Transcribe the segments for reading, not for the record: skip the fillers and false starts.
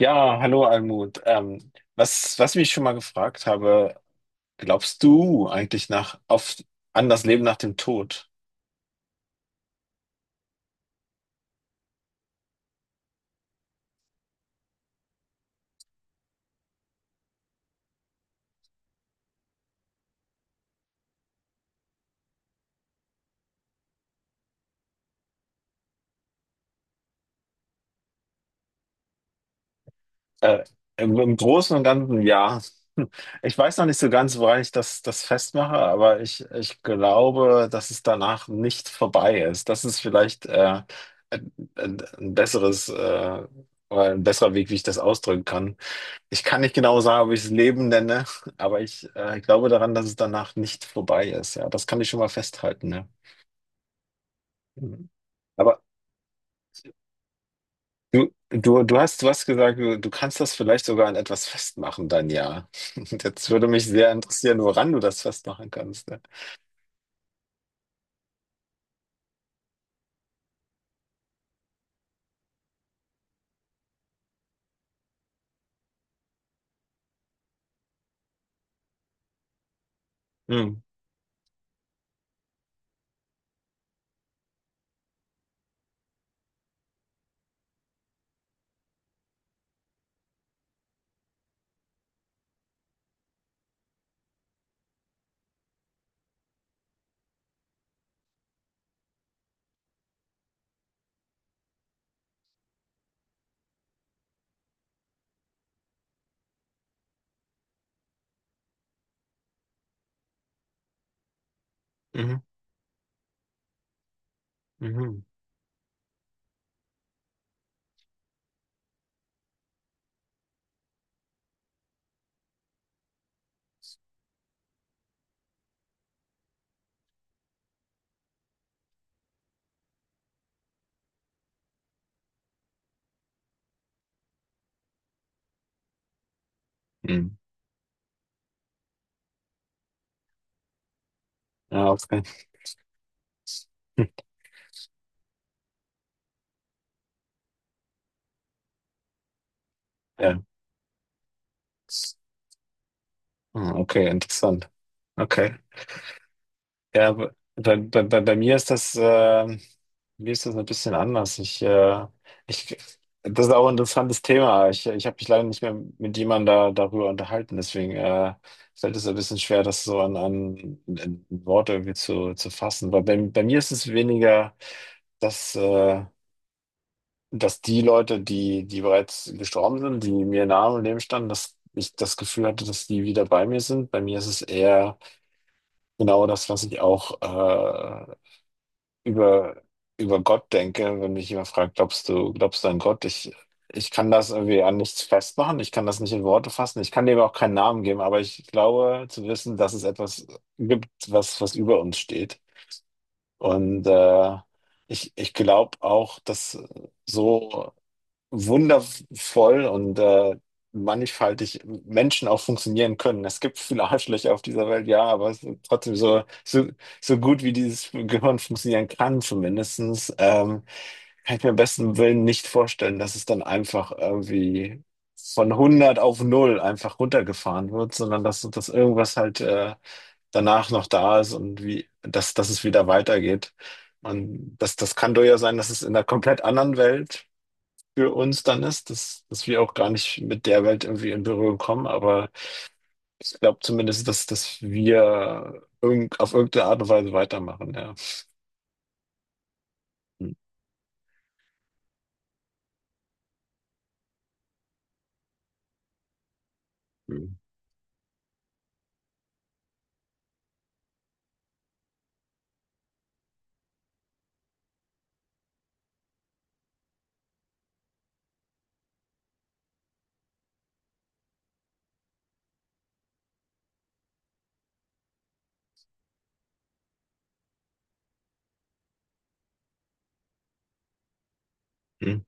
Ja, hallo Almut. Was ich mich schon mal gefragt habe, glaubst du eigentlich an das Leben nach dem Tod? Äh, im im, Großen und Ganzen ja. Hm. Ich weiß noch nicht so ganz, woran das festmache, aber ich glaube, dass es danach nicht vorbei ist. Das ist vielleicht ein besseres, oder ein besserer Weg, wie ich das ausdrücken kann. Ich kann nicht genau sagen, ob ich es Leben nenne, aber ich glaube daran, dass es danach nicht vorbei ist. Ja, das kann ich schon mal festhalten. Ne? Mhm. Aber du hast gesagt, du kannst das vielleicht sogar an etwas festmachen, dein Jahr. Und jetzt würde mich sehr interessieren, woran du das festmachen kannst. Ne? Mhm. Mhm. Mhm. Mhm. Ja, okay. Ja. Ah, okay, interessant. Okay. Ja, aber bei mir ist mir ist das ein bisschen anders. Ich, Das ist auch ein interessantes Thema. Ich habe mich leider nicht mehr mit jemandem darüber unterhalten. Deswegen fällt es ein bisschen schwer, das so an Worte irgendwie zu fassen. Aber bei mir ist es weniger, dass, äh, dass die Leute, die bereits gestorben sind, die mir nahe im Leben standen, dass ich das Gefühl hatte, dass die wieder bei mir sind. Bei mir ist es eher genau das, was ich auch über, über Gott denke, wenn mich jemand fragt, glaubst du an Gott? Ich kann das irgendwie an nichts festmachen, ich kann das nicht in Worte fassen, ich kann dem auch keinen Namen geben, aber ich glaube zu wissen, dass es etwas gibt, was über uns steht. Und ich glaube auch, dass so wundervoll und mannigfaltig Menschen auch funktionieren können. Es gibt viele Arschlöcher auf dieser Welt, ja, aber es ist trotzdem so gut wie dieses Gehirn funktionieren kann, zumindestens, kann ich mir besten Willen nicht vorstellen, dass es dann einfach irgendwie von 100 auf 0 einfach runtergefahren wird, sondern dass irgendwas halt danach noch da ist und wie, dass es wieder weitergeht. Und das kann durchaus sein, dass es in einer komplett anderen Welt für uns dann ist, dass wir auch gar nicht mit der Welt irgendwie in Berührung kommen, aber ich glaube zumindest, dass wir auf irgendeine Art und Weise weitermachen, ja. Mhm. Mhm.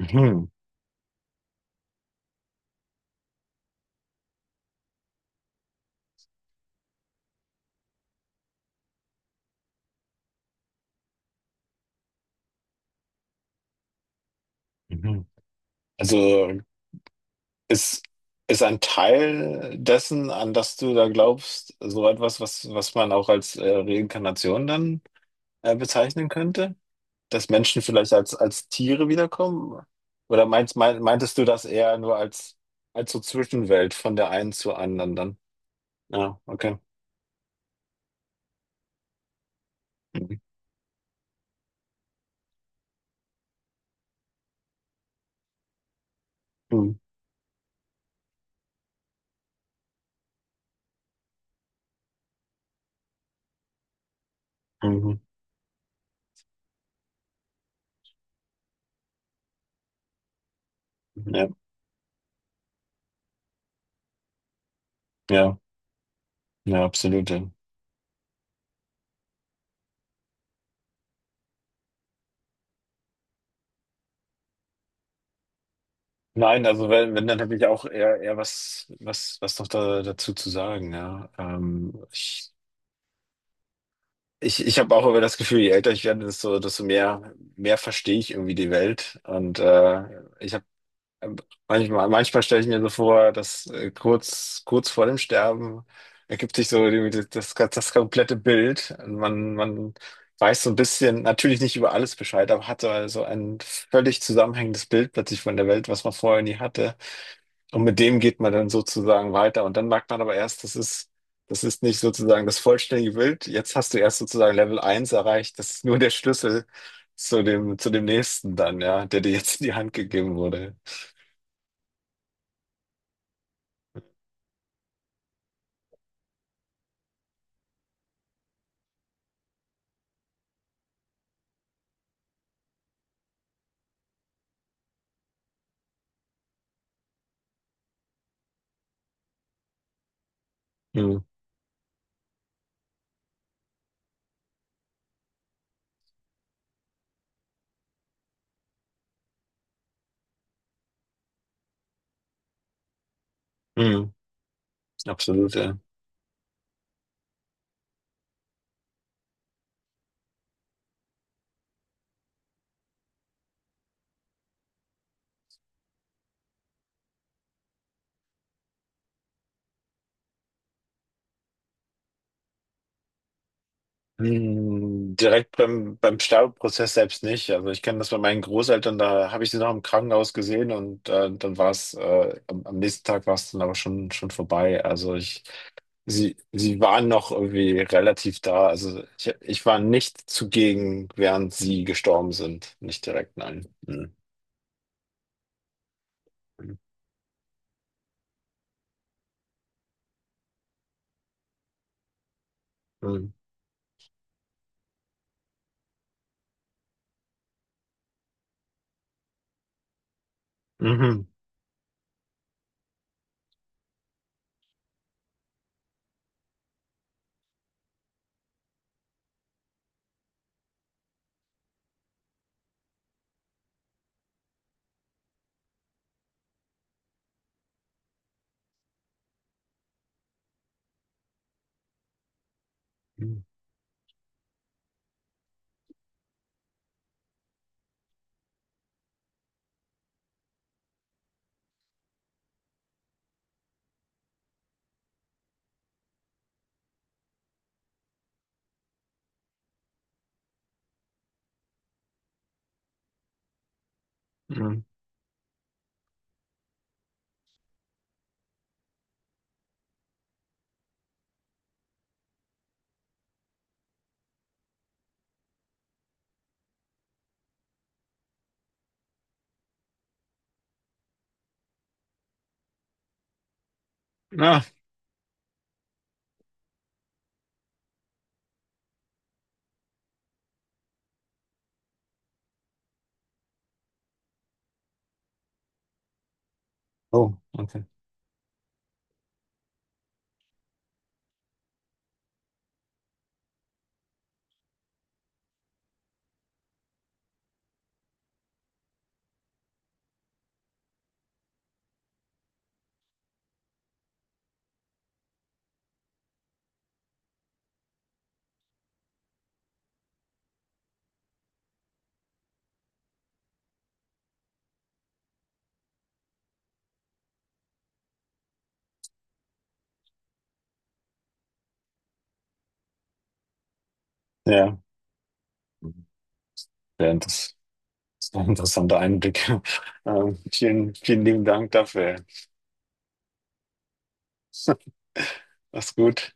Mhm. Mhm. Also ist, ist ein Teil dessen, an das du da glaubst, so etwas, was man auch als Reinkarnation dann bezeichnen könnte? Dass Menschen vielleicht als Tiere wiederkommen? Oder meintest du das eher nur als, als so Zwischenwelt von der einen zur anderen dann? Ja, okay. Mhm. Mhm. Mhm. Mhm. Ja, ja, ja, absolut, ja. Nein, also wenn dann habe ich auch eher was, was noch dazu zu sagen, ja. Ich habe auch immer das Gefühl, je älter ich werde, desto mehr, mehr verstehe ich irgendwie die Welt. Und ich habe manchmal stelle ich mir so vor, dass kurz vor dem Sterben ergibt sich so das komplette Bild. Also man weiß so ein bisschen, natürlich nicht über alles Bescheid, aber hat so also ein völlig zusammenhängendes Bild plötzlich von der Welt, was man vorher nie hatte. Und mit dem geht man dann sozusagen weiter. Und dann merkt man aber erst, das ist nicht sozusagen das vollständige Bild. Jetzt hast du erst sozusagen Level eins erreicht. Das ist nur der Schlüssel zu dem nächsten dann, ja, der dir jetzt in die Hand gegeben wurde. Hm. Mhm, absolut, ja. Mhm, direkt beim Sterbeprozess selbst nicht. Also ich kenne das bei meinen Großeltern, da habe ich sie noch im Krankenhaus gesehen und dann war am nächsten Tag war es dann aber schon vorbei. Also sie waren noch irgendwie relativ da. Also ich war nicht zugegen, während sie gestorben sind. Nicht direkt, nein. Mhm. Mhm. Mhm. Mhm. Mhm. Ah, oh, okay. Ja, während des. Das war ein interessanter Einblick. Vielen lieben Dank dafür. Mach's gut.